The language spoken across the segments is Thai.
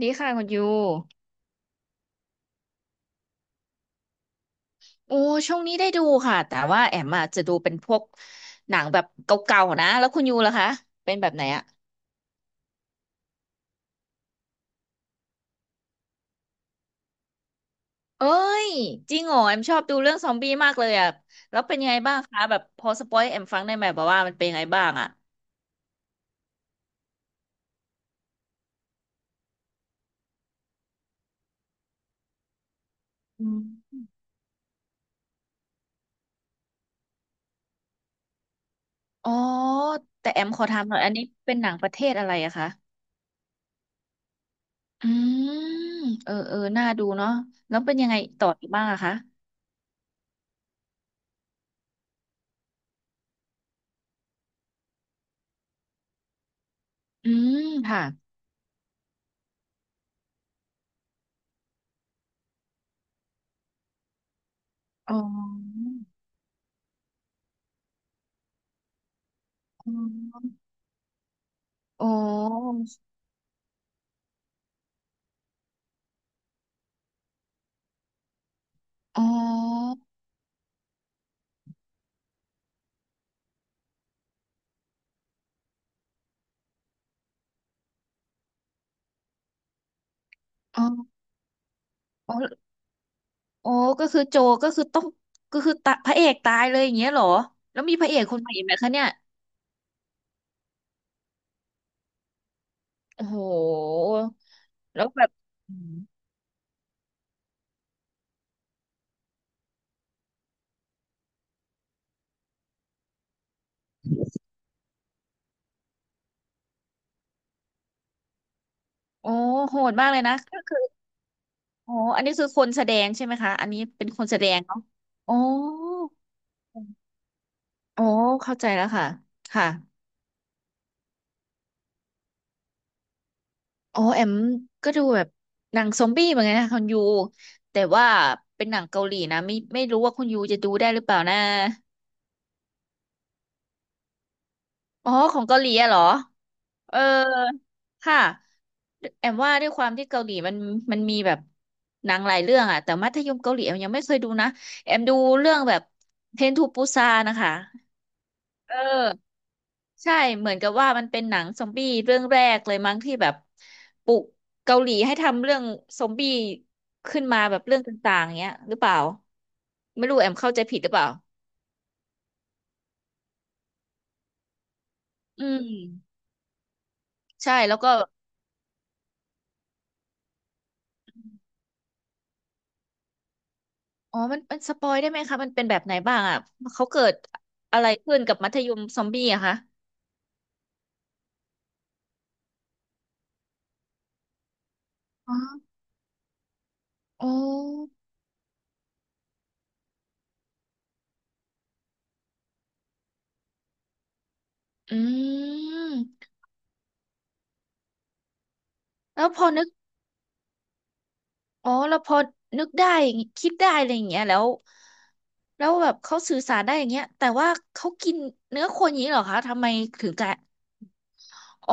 ดีค่ะคุณยูโอ้ช่วงนี้ได้ดูค่ะแต่ว่าแอมอะจะดูเป็นพวกหนังแบบเก่าๆนะแล้วคุณยูล่ะคะเป็นแบบไหนอะเอ้ยจริงเหรอแอมชอบดูเรื่องซอมบี้มากเลยอะแล้วเป็นยังไงบ้างคะแบบพอสปอยให้แอมฟังได้ไหมแบบว่ามันเป็นยังไงบ้างอะอืมอ๋อแต่แอมขอถามหน่อยอันนี้เป็นหนังประเทศอะไรอะคะอืมเออเออน่าดูเนาะแล้วเป็นยังไงต่ออีกบ้างอะคะอืมค่ะอ๋ออ๋ออ๋อ อ๋ออ๋ออ๋อก็คือโจก็คือต้องก็คือตะพระเอกตายเลยอย่างเงี้ยเหรอ แล้วมีพระเอกคนใหม่อีกไหมคะเนี่ยโอ้โห แล้วแบบอืมโอ้โหดมากเลยนะก็คืออ๋ออันนี้คือคนแสดงใช่ไหมคะอันนี้เป็นคนแสดงเนาะอ๋ออ๋อเข้าใจแล้วค่ะ ค่ะอ๋อแอมก็ดูแบบหนังซอมบี้เหมือนกันนะคุณยู แต่ว่าเป็นหนังเกาหลีนะไม่รู้ว่าคุณยูจะดูได้หรือเปล่านะ อ๋อของเกาหลีอะเหรอเออค่ะแอมว่าด้วยความที่เกาหลีมันมีแบบหนังหลายเรื่องอะแต่มัธยมเกาหลีแอมยังไม่เคยดูนะแอมดูเรื่องแบบเทนทูปูซานะคะเออใช่เหมือนกับว่ามันเป็นหนังซอมบี้เรื่องแรกเลยมั้งที่แบบปลุกเกาหลีให้ทำเรื่องซอมบี้ขึ้นมาแบบเรื่องต่างๆเงี้ยหรือเปล่าไม่รู้แอมเข้าใจผิดหรือเปล่าอืมใช่แล้วก็ อ๋อมันมันสปอยได้ไหมคะ มันเป็นแบบไหนบ้างอ่ะเขาเกิดอะไรขึ้นกับมัธยมซอมบี้อะคะอ๋ออ๋ออืมแล้วพอนึกอ๋อแล้วพอนึกได้อย่างงี้คิดได้อะไรอย่างเงี้ยแล้วแล้วแบบเขาสื่อสารได้อย่างเงี้ยแต่ว่าเขากินเนื้อคนอย่างนี้เหรอคะทำไมถึงกะอ๋อ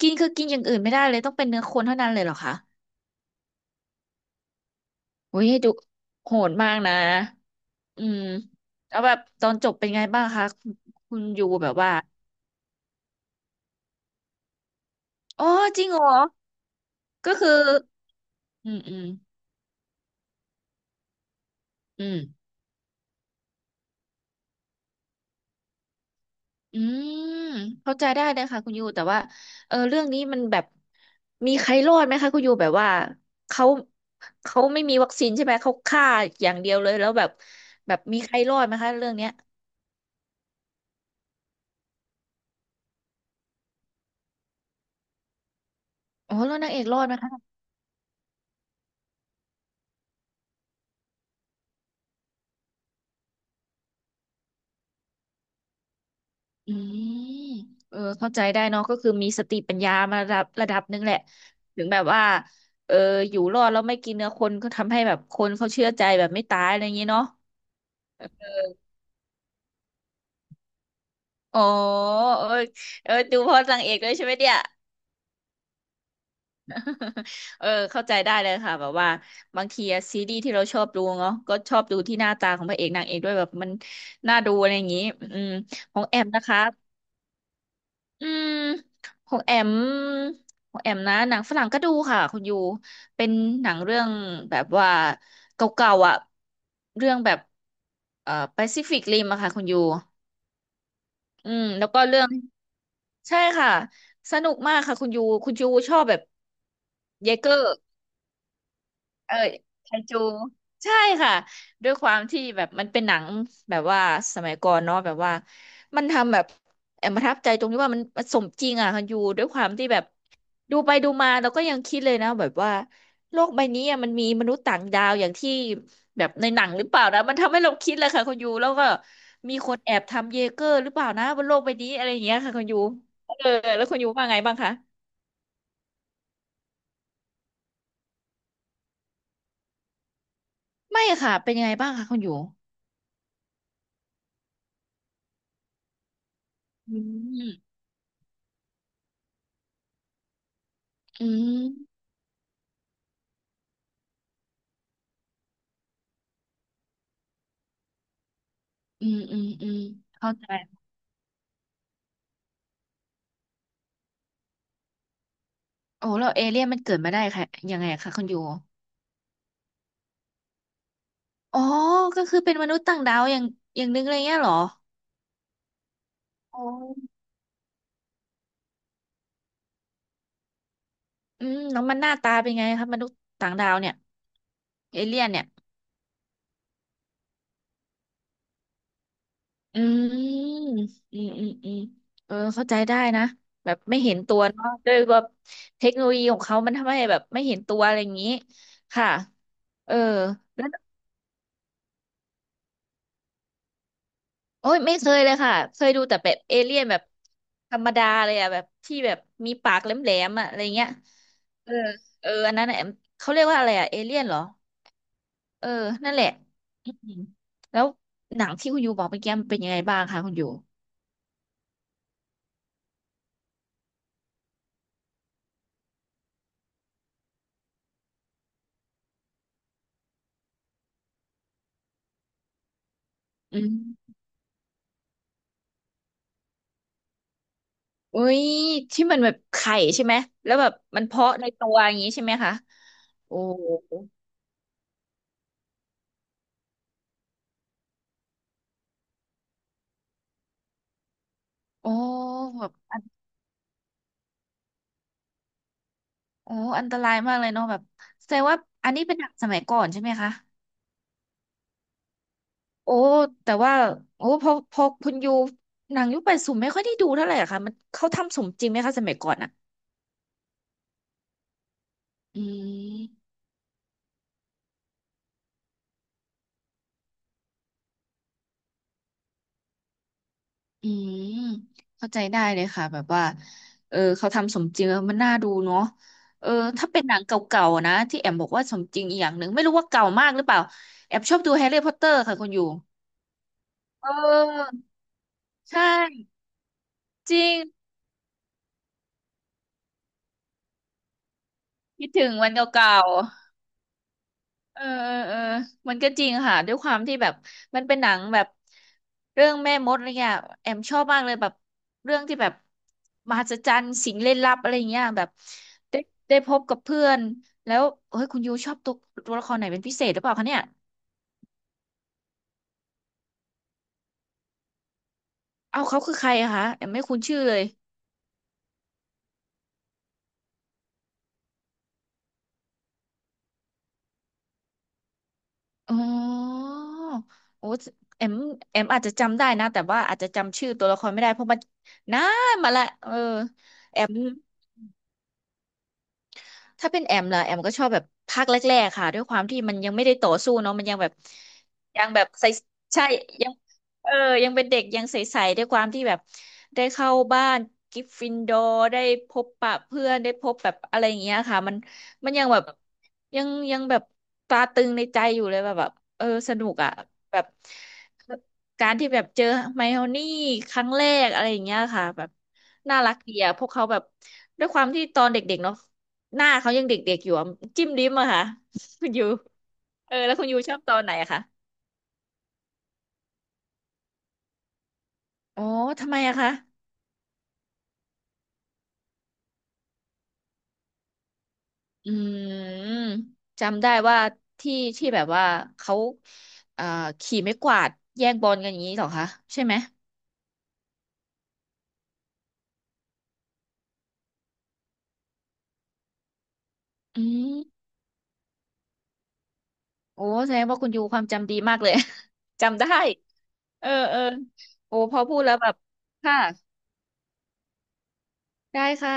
กินคือกินอย่างอื่นไม่ได้เลย ต้องเป็นเนื้อคนเท่านั้นเลยเหรอคะโอ้ยดูโหดมากนะ อืมแล้วแบบตอนจบเป็นไงบ้างคะคุณคุณอยู่แบบว่าอ๋อจริงเหรอ ก็คืออืมอืมอืมอืมเข้าใจได้เลยค่ะคุณยูแต่ว่าเออเรื่องนี้มันแบบมีใครรอดไหมคะคุณยูแบบว่าเขาเขาไม่มีวัคซีนใช่ไหมเขาฆ่าอย่างเดียวเลยแล้วแบบแบบมีใครรอดไหมคะเรื่องเนี้ยอ๋อแล้วนางเอกรอดไหมคะอืมเออเข้าใจได้เนาะก็คือมีสติปัญญามาระดับหนึ่งแหละ ถึงแบบว่าเอออยู่รอดแล้วไม่กินเนื้อคนก็ทำให้แบบคนเขาเชื่อใจแบบไม่ตายอะไรอย่างงี้เนาะ อ๋อเออเออดูเพราะนางเอกด้วยใช่ไหมเนี่ยเออเข้าใจได้เลยค่ะแบบว่าบางทีอะซีรีส์ที่เราชอบดูเนาะก็ชอบดูที่หน้าตาของพระเอกนางเอกด้วยแบบมันน่าดูอะไรอย่างนี้อืมของแอมนะคะอืมของแอมของแอมนะหนังฝรั่งก็ดูค่ะคุณยูเป็นหนังเรื่องแบบว่าเก่าๆอ่ะเรื่องแบบแปซิฟิกริมอะค่ะคุณยูอืมแล้วก็เรื่อง ใช่ค่ะ สนุกมากค่ะคุณยู คุณยูชอบแบบ เยเกอร์ เออไคจูใช่ค่ะด้วยความที่แบบมันเป็นหนังแบบว่าสมัยก่อนเนาะแบบว่ามันทำแบบแอบประทับใจตรงที่ว่ามันสมจริงอ่ะค่ะอยู่ด้วยความที่แบบดูไปดูมาเราก็ยังคิดเลยนะแบบว่าโลกใบนี้อะมันมีมนุษย์ต่างดาวอย่างที่แบบในหนังหรือเปล่านะมันทำให้เราคิดเลยค่ะคุณยูแล้วก็มีคนแอบทำเยเกอร์หรือเปล่านะบนโลกใบนี้อะไรอย่างเงี้ยค่ะคุณยูเออแล้วคุณยูว่าไงบ้างคะไม่ค่ะเป็นยังไงบ้างคะคุณยูอืมอืม อืมอืมอืมเข้าใจโอ้แล้วเอเลี่ยนมันเกิดมาได้ค่ะยังไงคะคุณยูอ๋อก็คือเป็นมนุษย์ต่างดาวอย่างอย่างนึงเลยเงี้ยเหรออ๋ออืมแล้วมันหน้าตาเป็นไงคะมนุษย์ต่างดาวเนี่ยเอเลี่ยนเนี่ยอืมอืมอืมอืมเออเข้าใจได้นะแบบไม่เห็นตัวเนาะด้วยว่าเทคโนโลยีของเขามันทำให้แบบไม่เห็นตัวอะไรอย่างนี้ค่ะเออ โอ้ยไม่เคยเลยค่ะเคยดูแต่แบบเอเลี่ยนแบบธรรมดาเลยอะแบบที่แบบมีปากแหลมๆอะอะไรเงี้ยเออเอออันนั้นอะเขาเรียกว่าอะไรอะเอเลี่ยนเหรอเออนั่นแหละอืมแล้วหนังที่คุณยูบอกเมื่อกี้มันเป็นยังไงบ้างคะคุณยูอืมอุ้ยที่มันแบบไข่ใช่ไหมแล้วแบบมันเพาะในตัวอย่างนี้ใช่ไหมคะโอ้โอ้แบบอันโอ้อันตรายมากเลยเนาะแบบแสดงว่าอันนี้เป็นหนังสมัยก่อนใช่ไหมคะ โอ้แต่ว่าโอ้พอคุณยูหนังยุคแปดศูนย์ไม่ค่อยได้ดูเท่าไหร่อะค่ะมันเขาทำสมจริงไหมคะสมัยก่อนอะอืมอืมเข้าใจได้เลยค่ะแบบว่าเออเขาทำสมจริงแล้วมันน่าดูเนาะเออถ้าเป็นหนังเก่าๆนะที่แอมบอกว่าสมจริงอีกอย่างหนึ่งไม่รู้ว่าเก่ามากหรือเปล่าแอมชอบดูแฮร์รี่พอตเตอร์ค่ะคุณอยู่เออใช่จริงคิดถึงวันเก่าๆ เออเออเออมันก็จริงค่ะด้วยความที่แบบมันเป็นหนังแบบเรื่องแม่มดอะไรเงี้ยแอมชอบมากเลยแบบเรื่องที่แบบมหัศจรรย์สิ่งลี้ลับอะไรเงี้ยแบบได้ได้พบกับเพื่อนแล้วเฮ้ยคุณยูชอบตัวละครไหนเป็นพิเศษหรือเปล่าคะเนี่ยเอาเขาคือใครอะคะแอมไม่คุ้นชื่อเลยอ๋อโอ้แอมอาจจะจำได้นะแต่ว่าอาจจะจำชื่อตัวละครไม่ได้เพราะมันนานมาละเออแอม ถ้าเป็นแอมล่ะแอมก็ชอบแบบภาคแรกๆค่ะด้วยความที่มันยังไม่ได้ต่อสู้เนาะมันยังแบบยังแบบใสใช่ยังเออยังเป็นเด็กยังใสๆด้วยความที่แบบได้เข้าบ้านกริฟฟินดอร์ได้พบปะเพื่อนได้พบแบบอะไรอย่างเงี้ยค่ะมันยังแบบยังยังแบบตราตรึงในใจอยู่เลยแบบเออสนุกอ่ะแบบการที่แบบเจอไมโอนี่ครั้งแรกอะไรอย่างเงี้ยค่ะแบบน่ารักดีอ่ะพวกเขาแบบด้วยความที่ตอนเด็กๆเนาะ หน้าเขายังเด็กๆอยู่อะจิ้มลิ้มอะค่ะ คุณยูเออแล้วคุณยูชอบตอนไหนอะคะอ๋อทำไมอะคะอืมจำได้ว่าที่แบบว่าเขาเอ่อขี่ไม้กวาดแย่งบอลกันอย่างนี้เหรอคะใช่ไหมอืมโอ้แสดงว่าคุณยูความจำดีมากเลย จำได้ เออเออโอ้พอพูดแล้วแบบค่ะได้ค่ะ